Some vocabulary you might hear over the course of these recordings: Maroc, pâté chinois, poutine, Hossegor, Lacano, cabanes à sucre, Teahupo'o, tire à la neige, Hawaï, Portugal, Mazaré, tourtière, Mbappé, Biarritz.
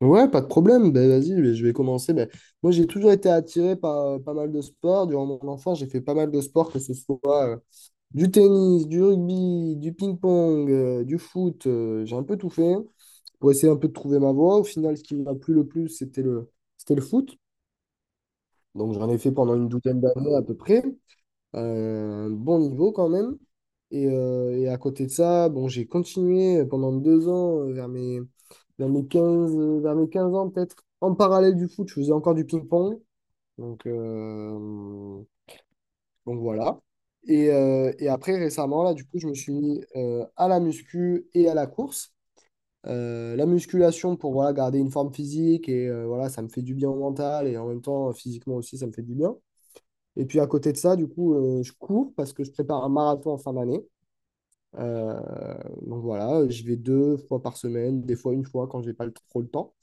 Ouais, pas de problème. Ben, vas-y, mais je vais commencer. Ben, moi, j'ai toujours été attiré par pas mal de sports. Durant mon enfance, j'ai fait pas mal de sports, que ce soit du tennis, du rugby, du ping-pong, du foot. J'ai un peu tout fait pour essayer un peu de trouver ma voie. Au final, ce qui m'a plu le plus, c'était le foot. Donc, j'en ai fait pendant une douzaine d'années à peu près. Un bon niveau quand même. Et à côté de ça, bon, j'ai continué pendant deux ans, vers mes 15 ans peut-être. En parallèle du foot, je faisais encore du ping-pong. Donc, euh, donc voilà. Et après, récemment, là, du coup, je me suis mis à la muscu et à la course. La musculation pour voilà, garder une forme physique et voilà, ça me fait du bien au mental et en même temps, physiquement aussi, ça me fait du bien. Et puis à côté de ça, du coup, je cours parce que je prépare un marathon en fin d'année. Euh, donc voilà, j'y vais deux fois par semaine, des fois une fois quand j'ai pas le- trop le temps.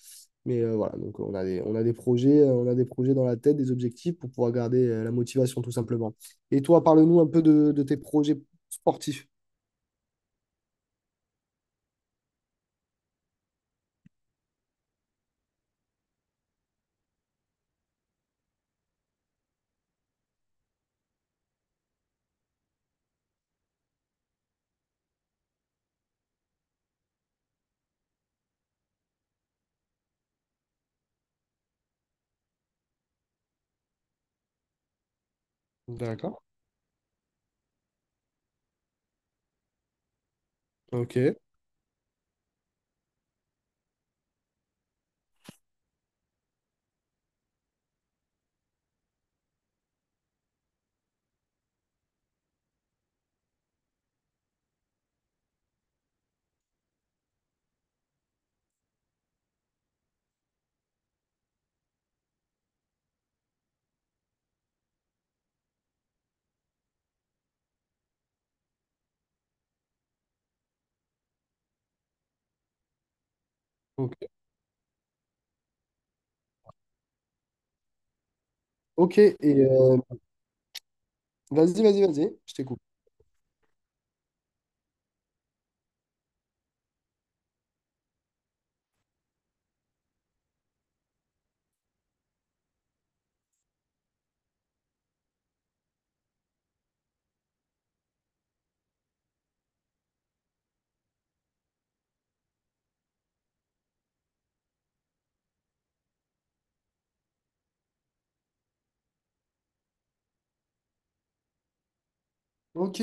Mais voilà, donc on a des projets, on a des projets dans la tête, des objectifs pour pouvoir garder la motivation tout simplement. Et toi, parle-nous un peu de tes projets sportifs. D'accord. Ok. Ok. Ok. Et euh, vas-y, vas-y, vas-y, je t'écoute. Ok,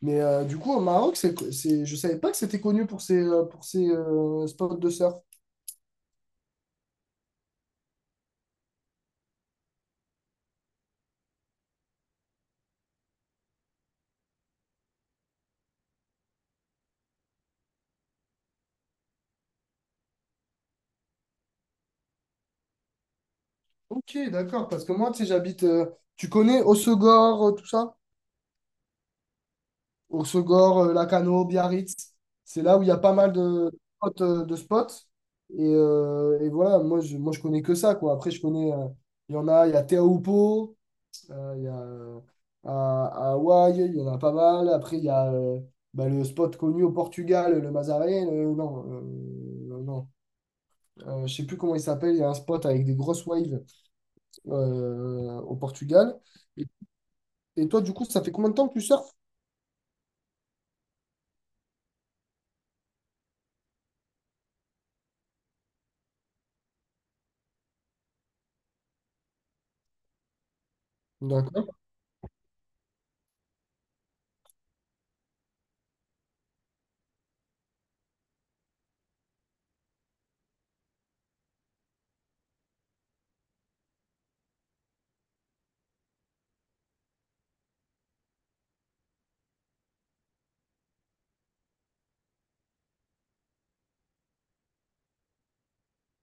mais du coup au Maroc, c'est, je savais pas que c'était connu pour pour ses spots de surf. Ok, d'accord, parce que moi, tu sais, j'habite. Tu connais Hossegor, tout ça? Hossegor, Lacano, Biarritz. C'est là où il y a pas mal de spots. Et voilà, moi, je connais que ça, quoi. Après, je connais. Il y en a, il y a Teahupo'o, il y a à Hawaï, il y en a pas mal. Après, il y a bah, le spot connu au Portugal, le Mazaré. Non, non. Je sais plus comment il s'appelle. Il y a un spot avec des grosses waves au Portugal. Et toi, du coup, ça fait combien de temps que tu surfes? D'accord,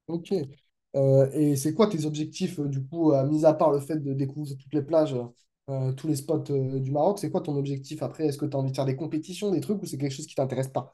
ok. Et c'est quoi tes objectifs, mis à part le fait de découvrir toutes les plages, tous les spots du Maroc, c'est quoi ton objectif après? Est-ce que tu as envie de faire des compétitions, des trucs, ou c'est quelque chose qui t'intéresse pas?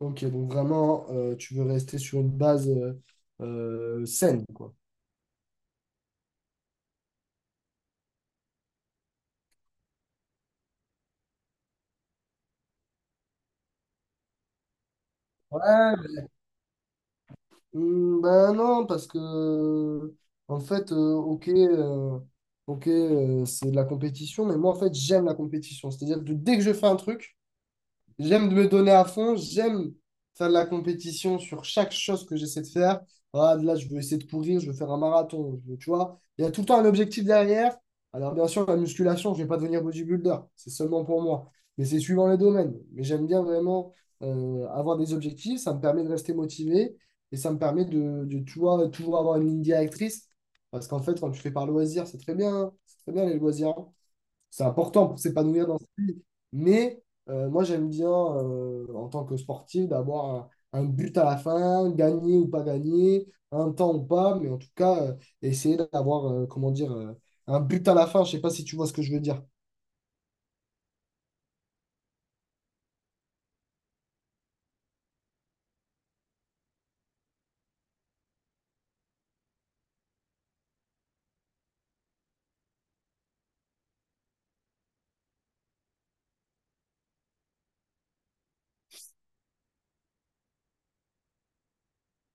Ok, donc vraiment, tu veux rester sur une base saine, quoi. Ouais, hmm, ben non, parce que en fait, ok, c'est de la compétition, mais moi en fait j'aime la compétition. C'est-à-dire que dès que je fais un truc, j'aime me donner à fond, j'aime faire de la compétition sur chaque chose que j'essaie de faire. Ah, là, je veux essayer de courir, je veux faire un marathon, je veux- tu vois. Il y a tout le temps un objectif derrière. Alors, bien sûr, la musculation, je ne vais pas devenir bodybuilder, c'est seulement pour moi. Mais c'est suivant les domaines. Mais j'aime bien vraiment avoir des objectifs, ça me permet de rester motivé et ça me permet tu vois, toujours avoir une ligne directrice. Parce qu'en fait, quand tu fais par loisir, c'est très bien, hein. C'est très bien les loisirs. C'est important pour s'épanouir dans sa vie. Mais moi, j'aime bien, en tant que sportif, d'avoir un but à la fin, gagner ou pas gagner, un temps ou pas, mais en tout cas, essayer d'avoir, comment dire, un but à la fin. Je sais pas si tu vois ce que je veux dire.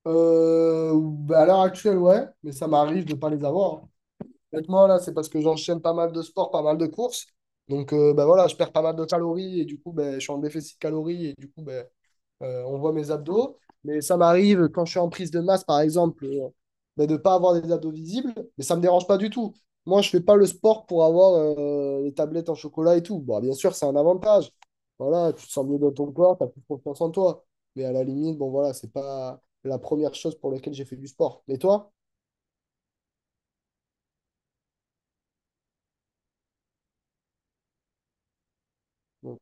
Bah, à l'heure actuelle, ouais, mais ça m'arrive de pas les avoir. Honnêtement, là, c'est parce que j'enchaîne pas mal de sports, pas mal de courses. Donc, bah, voilà, je perds pas mal de calories et du coup, ben je suis en déficit de calories et du coup, ben on voit mes abdos, mais ça m'arrive quand je suis en prise de masse, par exemple, ben, de ne pas avoir des abdos visibles, mais ça ne me dérange pas du tout. Moi, je ne fais pas le sport pour avoir les tablettes en chocolat et tout. Bon, bien sûr, c'est un avantage. Voilà, tu te sens mieux dans ton corps, tu as plus confiance en toi. Mais à la limite, bon, voilà, c'est pas la première chose pour laquelle j'ai fait du sport. Mais toi, bon.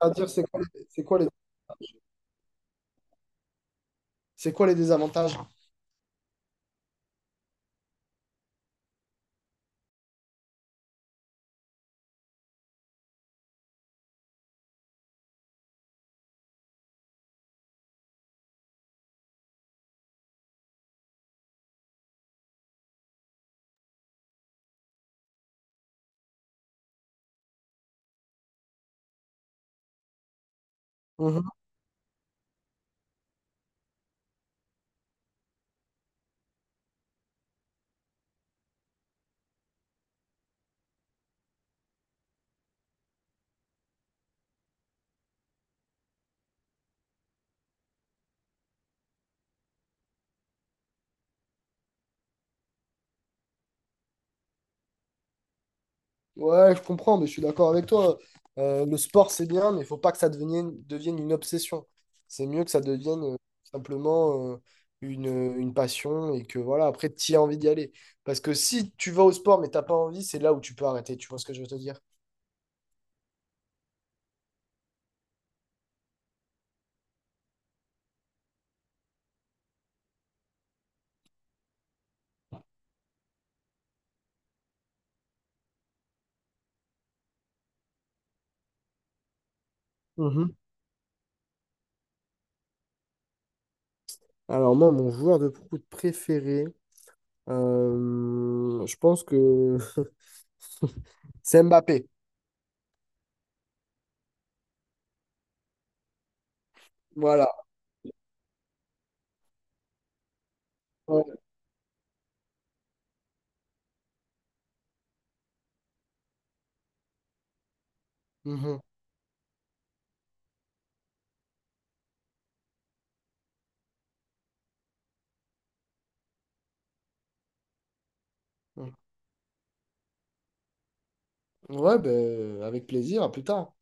À dire c'est quoi, les- c'est quoi, les- C'est quoi les désavantages? Ouais, je comprends, mais je suis d'accord avec toi. Le sport, c'est bien, mais il faut pas que ça devienne une obsession. C'est mieux que ça devienne simplement une passion et que voilà, après, tu as envie d'y aller. Parce que si tu vas au sport, mais t'as pas envie, c'est là où tu peux arrêter. Tu vois ce que je veux te dire? Mhm. Alors moi, mon joueur de foot préféré, je pense que c'est Mbappé. Voilà. Ouais. Mhm. Ouais, ben, avec plaisir, à plus tard.